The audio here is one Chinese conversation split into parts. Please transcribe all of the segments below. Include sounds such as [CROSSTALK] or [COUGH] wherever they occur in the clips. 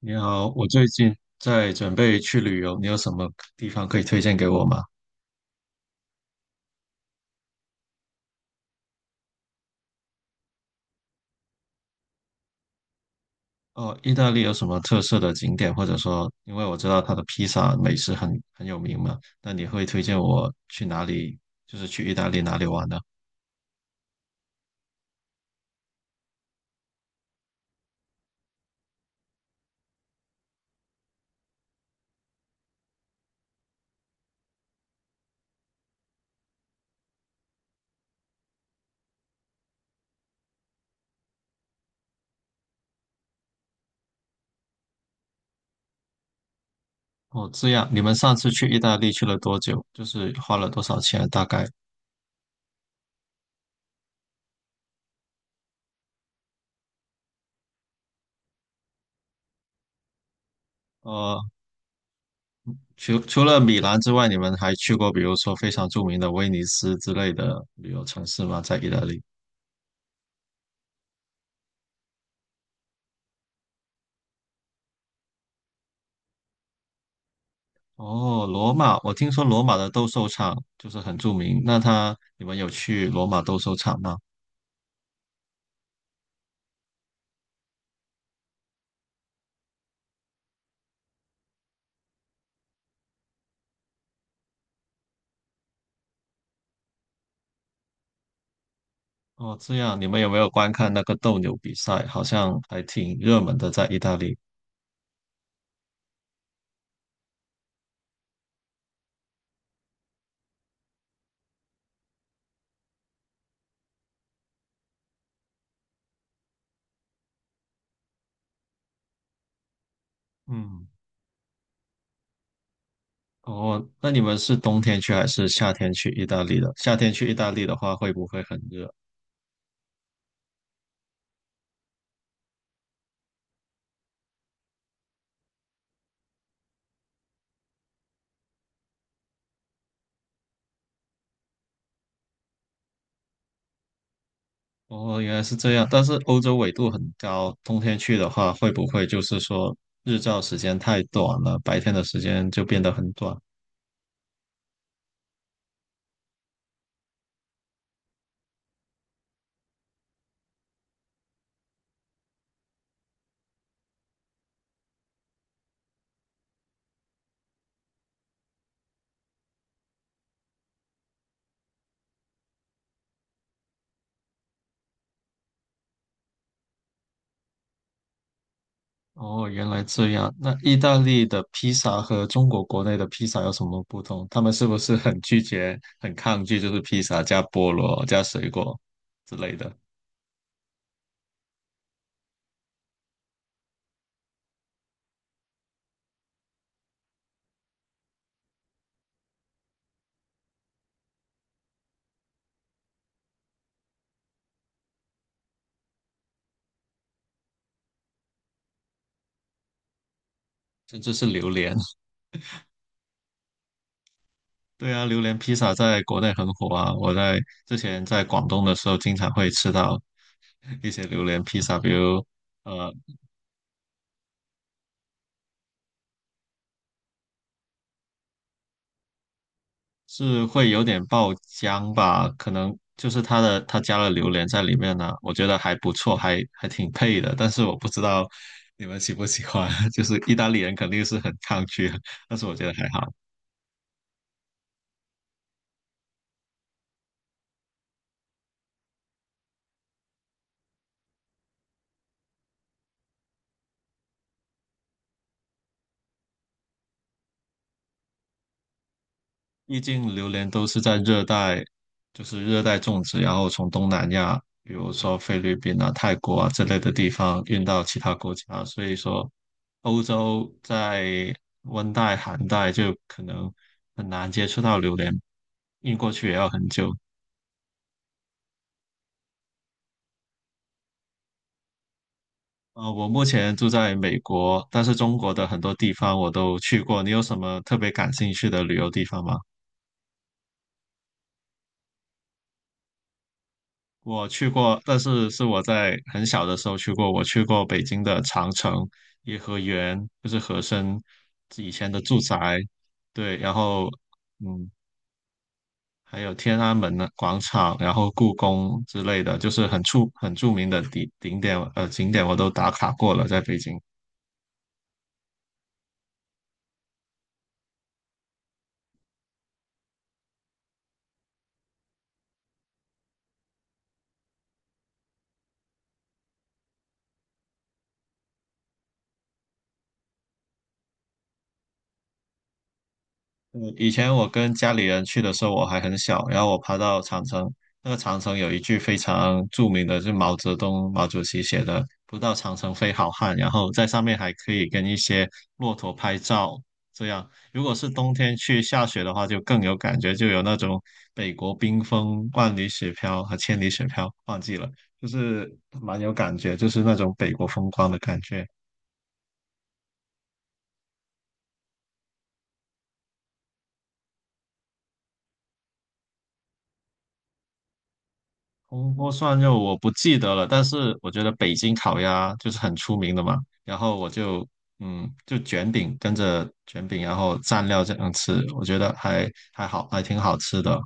你好，我最近在准备去旅游，你有什么地方可以推荐给我吗？哦，意大利有什么特色的景点，或者说，因为我知道它的披萨美食很有名嘛，那你会推荐我去哪里？就是去意大利哪里玩呢？哦，这样，你们上次去意大利去了多久？就是花了多少钱？大概？呃，除了米兰之外，你们还去过比如说非常著名的威尼斯之类的旅游城市吗？在意大利？哦，罗马，我听说罗马的斗兽场就是很著名。那他，你们有去罗马斗兽场吗？哦，这样，你们有没有观看那个斗牛比赛？好像还挺热门的，在意大利。嗯，哦，那你们是冬天去还是夏天去意大利的？夏天去意大利的话，会不会很热？哦，原来是这样。但是欧洲纬度很高，冬天去的话，会不会就是说日照时间太短了，白天的时间就变得很短？哦，原来这样。那意大利的披萨和中国国内的披萨有什么不同？他们是不是很拒绝、很抗拒，就是披萨加菠萝、加水果之类的，甚至是榴莲？[LAUGHS] 对啊，榴莲披萨在国内很火啊。我在之前在广东的时候，经常会吃到一些榴莲披萨，比如呃是会有点爆浆吧，可能就是它加了榴莲在里面呢、我觉得还不错，还挺配的。但是我不知道你们喜不喜欢，[LAUGHS] 就是意大利人肯定是很抗拒，但是我觉得还好，毕竟榴莲都是在热带，就是热带种植，然后从东南亚，比如说菲律宾啊、泰国啊之类的地方运到其他国家，所以说欧洲在温带、寒带就可能很难接触到榴莲，运过去也要很久。我目前住在美国，但是中国的很多地方我都去过。你有什么特别感兴趣的旅游地方吗？我去过，但是是我在很小的时候去过。我去过北京的长城、颐和园，就是和珅以前的住宅。对，然后嗯，还有天安门的广场，然后故宫之类的，就是很著名的景点，景点我都打卡过了，在北京。嗯，以前我跟家里人去的时候，我还很小，然后我爬到长城，那个长城有一句非常著名的，就是毛泽东毛主席写的“不到长城非好汉”，然后在上面还可以跟一些骆驼拍照，这样如果是冬天去下雪的话，就更有感觉，就有那种北国冰封、万里雪飘和千里雪飘，忘记了，就是蛮有感觉，就是那种北国风光的感觉。铜锅涮肉我不记得了，但是我觉得北京烤鸭就是很出名的嘛，然后我就就卷饼，然后蘸料这样吃，我觉得还还好，还挺好吃的。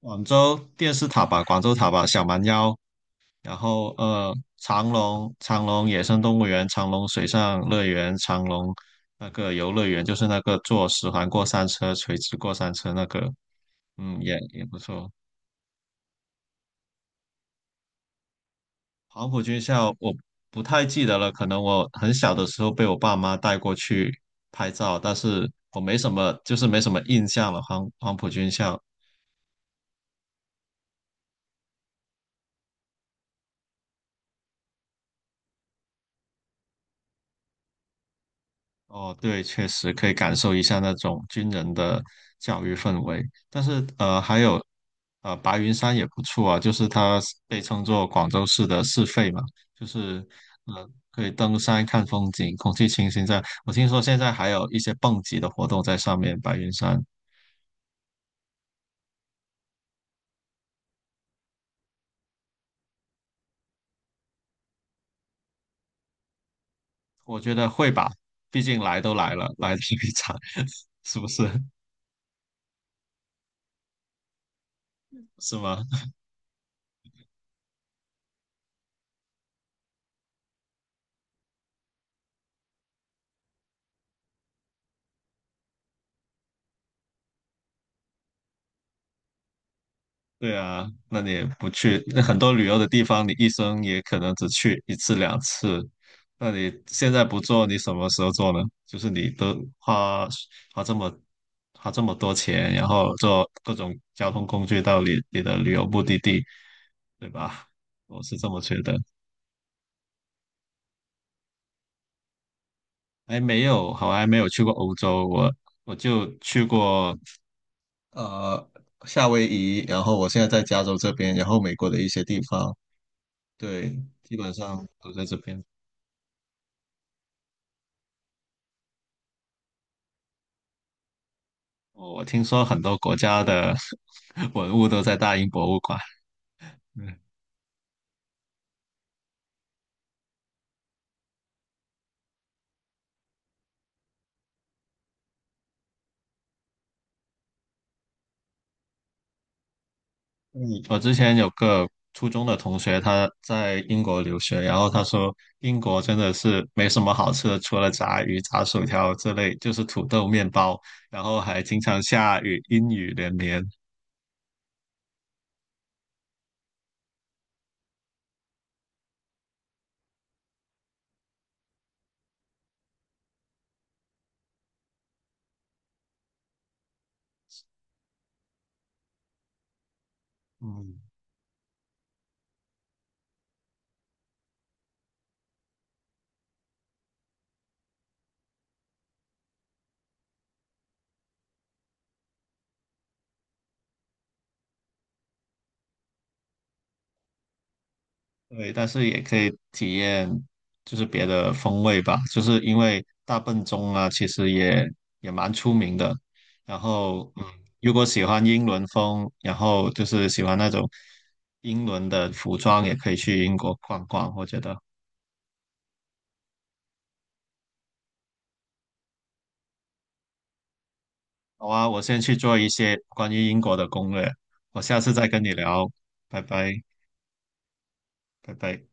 广州电视塔吧，广州塔吧，小蛮腰，然后长隆野生动物园、长隆水上乐园、长隆那个游乐园，就是那个坐十环过山车、垂直过山车那个，嗯也也不错。黄埔军校我不太记得了，可能我很小的时候被我爸妈带过去拍照，但是我没什么，就是没什么印象了。黄埔军校，哦，对，确实可以感受一下那种军人的教育氛围。但是还有白云山也不错啊，就是它被称作广州市的市肺嘛，就是可以登山看风景，空气清新在。我听说现在还有一些蹦极的活动在上面，白云山。我觉得会吧，毕竟来都来了，来这一场，[LAUGHS] 是不是？是吗？对啊，那你也不去，那很多旅游的地方，你一生也可能只去一次两次。那你现在不做，你什么时候做呢？就是你都花花这么花这么多钱，然后坐各种交通工具到你的旅游目的地，对吧？我是这么觉得。还没有，好，还没有去过欧洲，我就去过呃，夏威夷，然后我现在在加州这边，然后美国的一些地方，对，基本上都在这边。哦我听说很多国家的 [LAUGHS] 文物都在大英博物馆。嗯，嗯我之前有个初中的同学，他在英国留学，然后他说英国真的是没什么好吃的，除了炸鱼、炸薯条之类，就是土豆、面包，然后还经常下雨，阴雨连绵。嗯。对，但是也可以体验就是别的风味吧，就是因为大笨钟啊，其实也蛮出名的。然后，嗯，如果喜欢英伦风，然后就是喜欢那种英伦的服装，也可以去英国逛逛。我觉得，好啊，我先去做一些关于英国的攻略，我下次再跟你聊，拜拜，拜拜。